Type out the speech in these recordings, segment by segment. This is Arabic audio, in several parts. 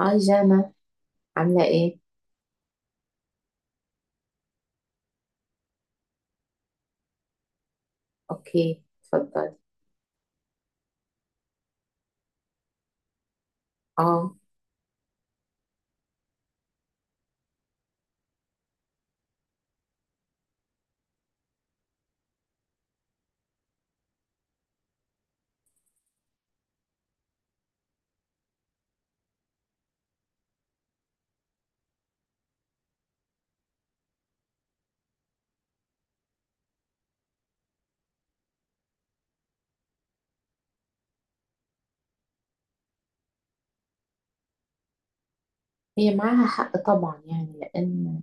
اه جانا، عاملة ايه؟ اوكي، اتفضلي. اه هي معاها حق طبعا، يعني لان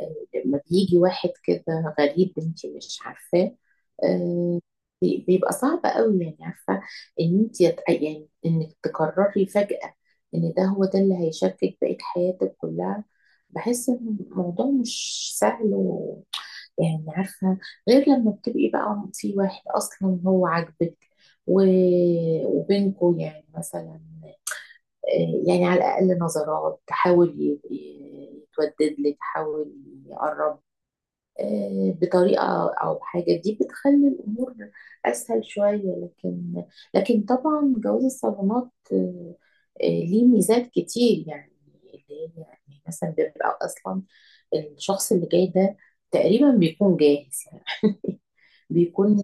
لما بيجي واحد كده غريب انت مش عارفاه، آه، بيبقى صعب قوي يعني، عارفة ان انت يعني انك تقرري فجأة ان ده هو ده اللي هيشاركك بقية حياتك كلها. بحس ان الموضوع مش سهل يعني، عارفة، غير لما بتبقي بقى في واحد أصلا هو عاجبك و... وبينكوا يعني مثلا، يعني على الأقل نظرات تحاول يتودد لك، تحاول يقرب بطريقة، أو بحاجة دي بتخلي الأمور أسهل شوية. لكن، لكن طبعا جواز الصالونات ليه ميزات كتير يعني، اللي هي يعني مثلا بيبقى أصلا الشخص اللي جاي ده تقريبا بيكون جاهز، بيكون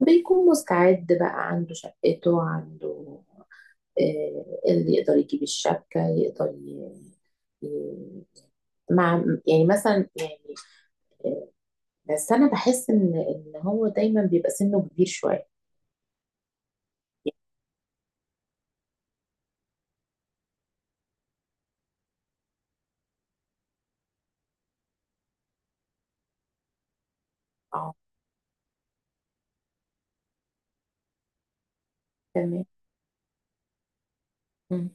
بيكون مستعد بقى، عنده شقته، عنده اللي يقدر يجيب الشبكة، يقدر ي- مع يعني مثلا يعني آه، بس أنا بحس إن هو دايما بيبقى سنه كبير شوية. اه، تمام. مم.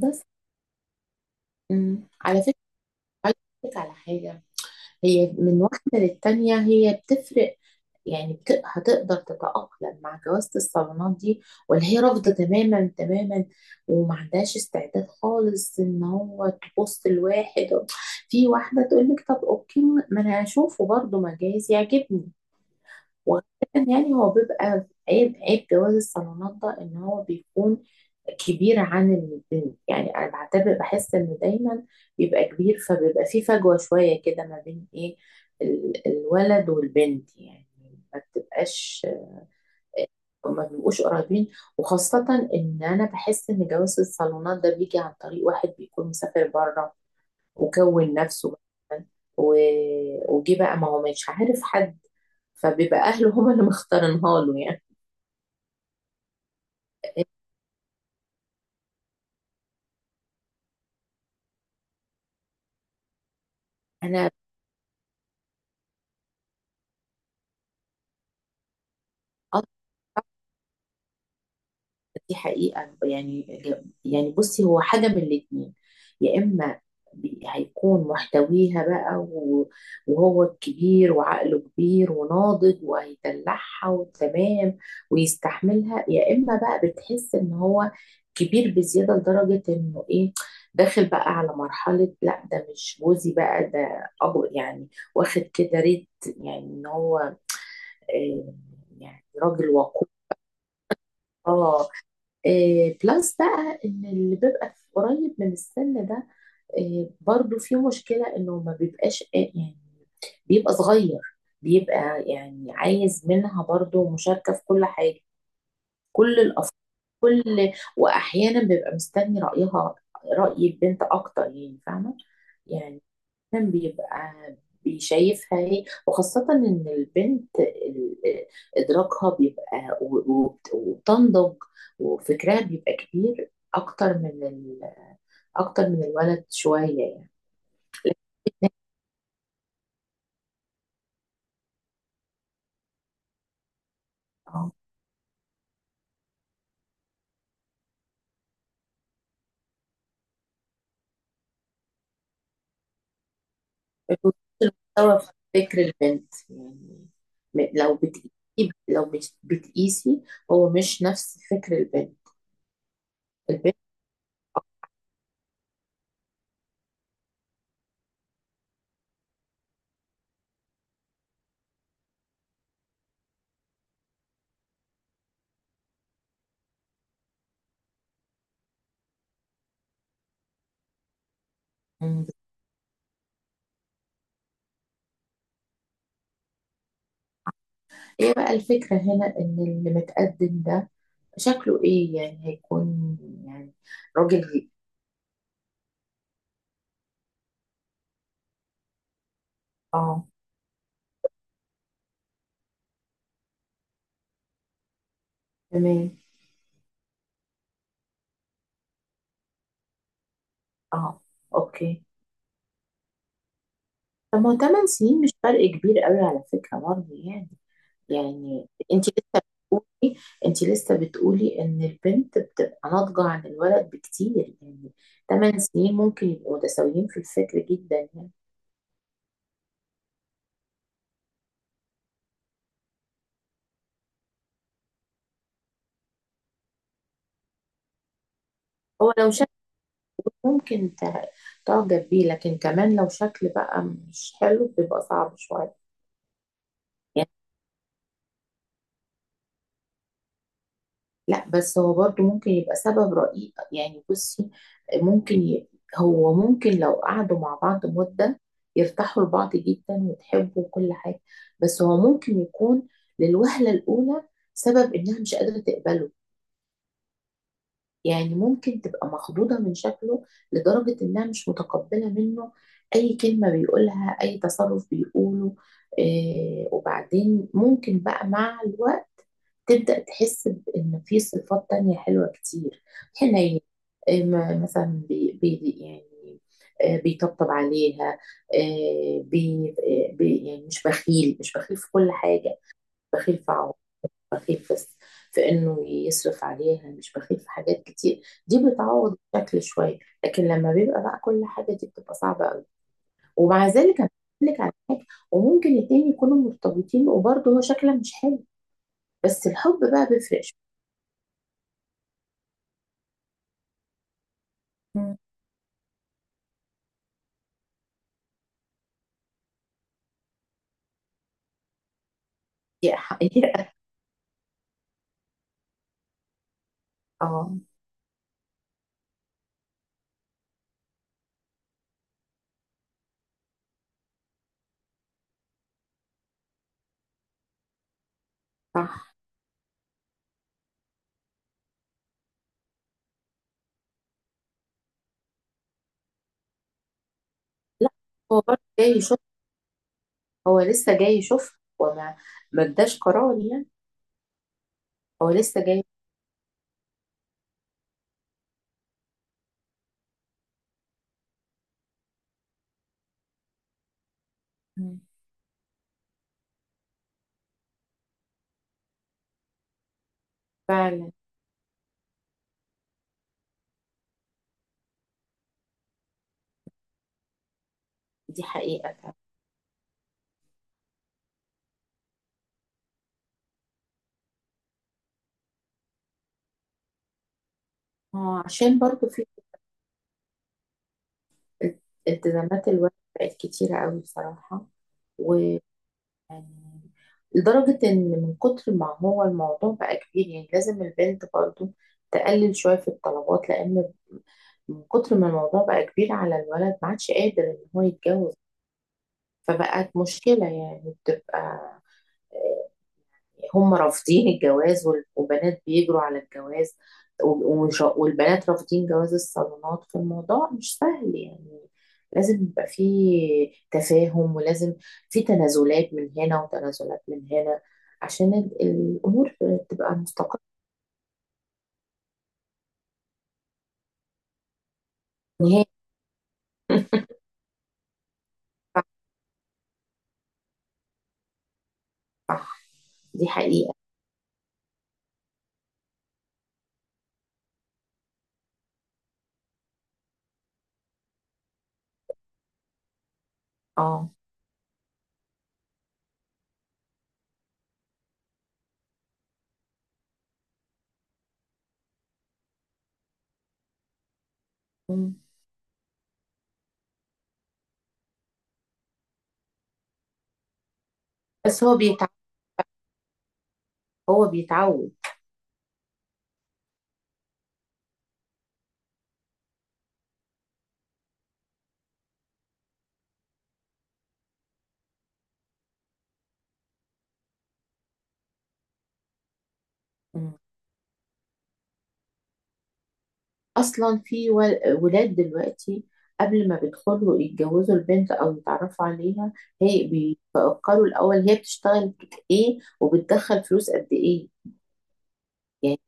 بس. مم، على فكرة، عايزة أقولك على حاجة. هي من واحدة للتانية هي بتفرق، يعني هتقدر تتأقلم مع جوازة الصالونات دي، ولا هي رافضة تماما تماما وما عندهاش استعداد خالص ان هو تبص لواحد. في واحدة تقول لك طب اوكي، ما انا هشوفه برضه ما جايز يعجبني. وغالبا يعني هو بيبقى عيب، عيب جواز الصالونات ده ان هو بيكون كبيرة عن البنت. يعني أنا بعتبر، بحس إن دايما بيبقى كبير، فبيبقى في فجوة شوية كده ما بين إيه، الولد والبنت يعني، ما بتبقاش، ما بيبقوش قريبين. وخاصة إن أنا بحس إن جواز الصالونات ده بيجي عن طريق واحد بيكون مسافر بره وكون نفسه مثلا و... وجه بقى، ما هو مش عارف حد، فبيبقى أهله هما اللي مختارينها له يعني. أنا دي حقيقة يعني. يعني بصي، هو حاجة من الاتنين: يا إما هيكون محتويها بقى وهو الكبير وعقله كبير وناضج وهيدلعها وتمام ويستحملها، يا إما بقى بتحس إن هو كبير بزيادة لدرجة إنه إيه، داخل بقى على مرحلة، لا ده مش جوزي بقى، ده أبو يعني، واخد كده ريت يعني إن هو آه، يعني راجل وقور. بلس بقى ان اللي بيبقى قريب من السن ده برضو في مشكلة انه ما بيبقاش يعني بيبقى صغير، بيبقى يعني عايز منها برضو مشاركة في كل حاجة، كل الأف كل واحيانا بيبقى مستني رأيها، رأي البنت اكتر يعني، فاهمة يعني. دايماً بيبقى بيشايفها هي، وخاصة إن البنت إدراكها بيبقى وبتنضج وفكرها بيبقى كبير أكتر من أكتر من الولد شوية يعني. اه، بتوصل المستوى في فكر البنت يعني. لو بتقيسي، لو بتقيسي، هو مش نفس فكر البنت. البنت مم. إيه بقى الفكرة هنا، إن اللي متقدم ده شكله ايه؟ يعني هيكون يعني راجل. اه، تمام. اه، اوكي. طب ما هو 8 سنين مش فرق كبير قوي على فكرة برضه يعني. يعني انت لسه بتقولي ان البنت بتبقى ناضجة عن الولد بكتير يعني. 8 سنين ممكن يبقوا متساويين في الفكر جدا يعني. هو لو شكل، ممكن تع- تعجب بيه، لكن كمان لو شكل بقى مش حلو بيبقى صعب شوية. لا، بس هو برضو ممكن يبقى سبب رئيسي يعني. بصي، ممكن ي... هو ممكن لو قعدوا مع بعض مدة يرتاحوا لبعض جدا وتحبوا وكل حاجة، بس هو ممكن يكون للوهلة الأولى سبب إنها مش قادرة تقبله. يعني ممكن تبقى مخضوضة من شكله لدرجة إنها مش متقبلة منه أي كلمة بيقولها، أي تصرف بيقوله إيه. وبعدين ممكن بقى مع الوقت تبدأ تحس بإن في صفات تانية حلوة كتير، حنين، مثلا بي يعني بيطبطب عليها، آه، بي آه، بي يعني مش بخيل، مش بخيل في كل حاجة، بخيل في عمره، بخيل في في إنه يصرف عليها، مش بخيل في حاجات كتير، دي بتعوض الشكل شوية. لكن لما بيبقى بقى كل حاجة دي بتبقى صعبة قوي. ومع ذلك أنا بقول لك على حاجة، وممكن الاتنين يكونوا مرتبطين وبرضه هو شكلها مش حلو، بس الحب بقى بيفرق. هي حقيقة. اه، صح. لا، هو برضه جاي يشوف، هو لسه جاي يشوف، هو ما اداش قرار يعني، هو لسه جاي. مم. فعلا، دي حقيقة فعلا. اه، عشان برضه في التزامات الولد بقت كتيرة قوي بصراحة. ويعني لدرجة إن من كتر ما هو الموضوع بقى كبير، يعني لازم البنت برضه تقلل شوية في الطلبات، لأن من كتر ما الموضوع بقى كبير على الولد ما عادش قادر إن هو يتجوز. فبقت مشكلة يعني، بتبقى آه، هم رافضين الجواز وبنات بيجروا على الجواز، والبنات رافضين جواز الصالونات، فالموضوع مش سهل يعني. لازم يبقى فيه تفاهم، ولازم في تنازلات من هنا وتنازلات من هنا عشان الأمور تبقى مستقرة. نهائي. صح، دي حقيقة. اه. مم. بس هو بيتعود، هو بيتعود. اصلا في ولاد دلوقتي قبل ما بيدخلوا يتجوزوا البنت او يتعرفوا عليها، هي بيفكروا الاول هي بتشتغل ايه، وبتدخل فلوس قد ايه يعني.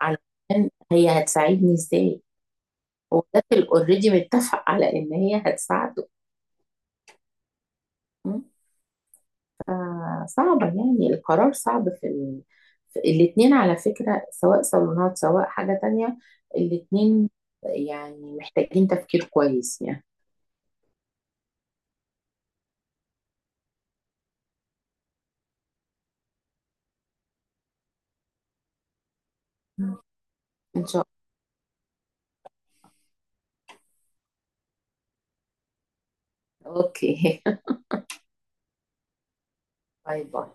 علشان هي هتساعدني ازاي؟ هو ده اوريدي متفق على ان هي هتساعده. م؟ فصعبة، يعني القرار صعب في الاتنين على فكرة، سواء صالونات سواء حاجة تانية، الاتنين يعني محتاجين تفكير كويس يعني. ان شاء الله. اوكي، باي باي.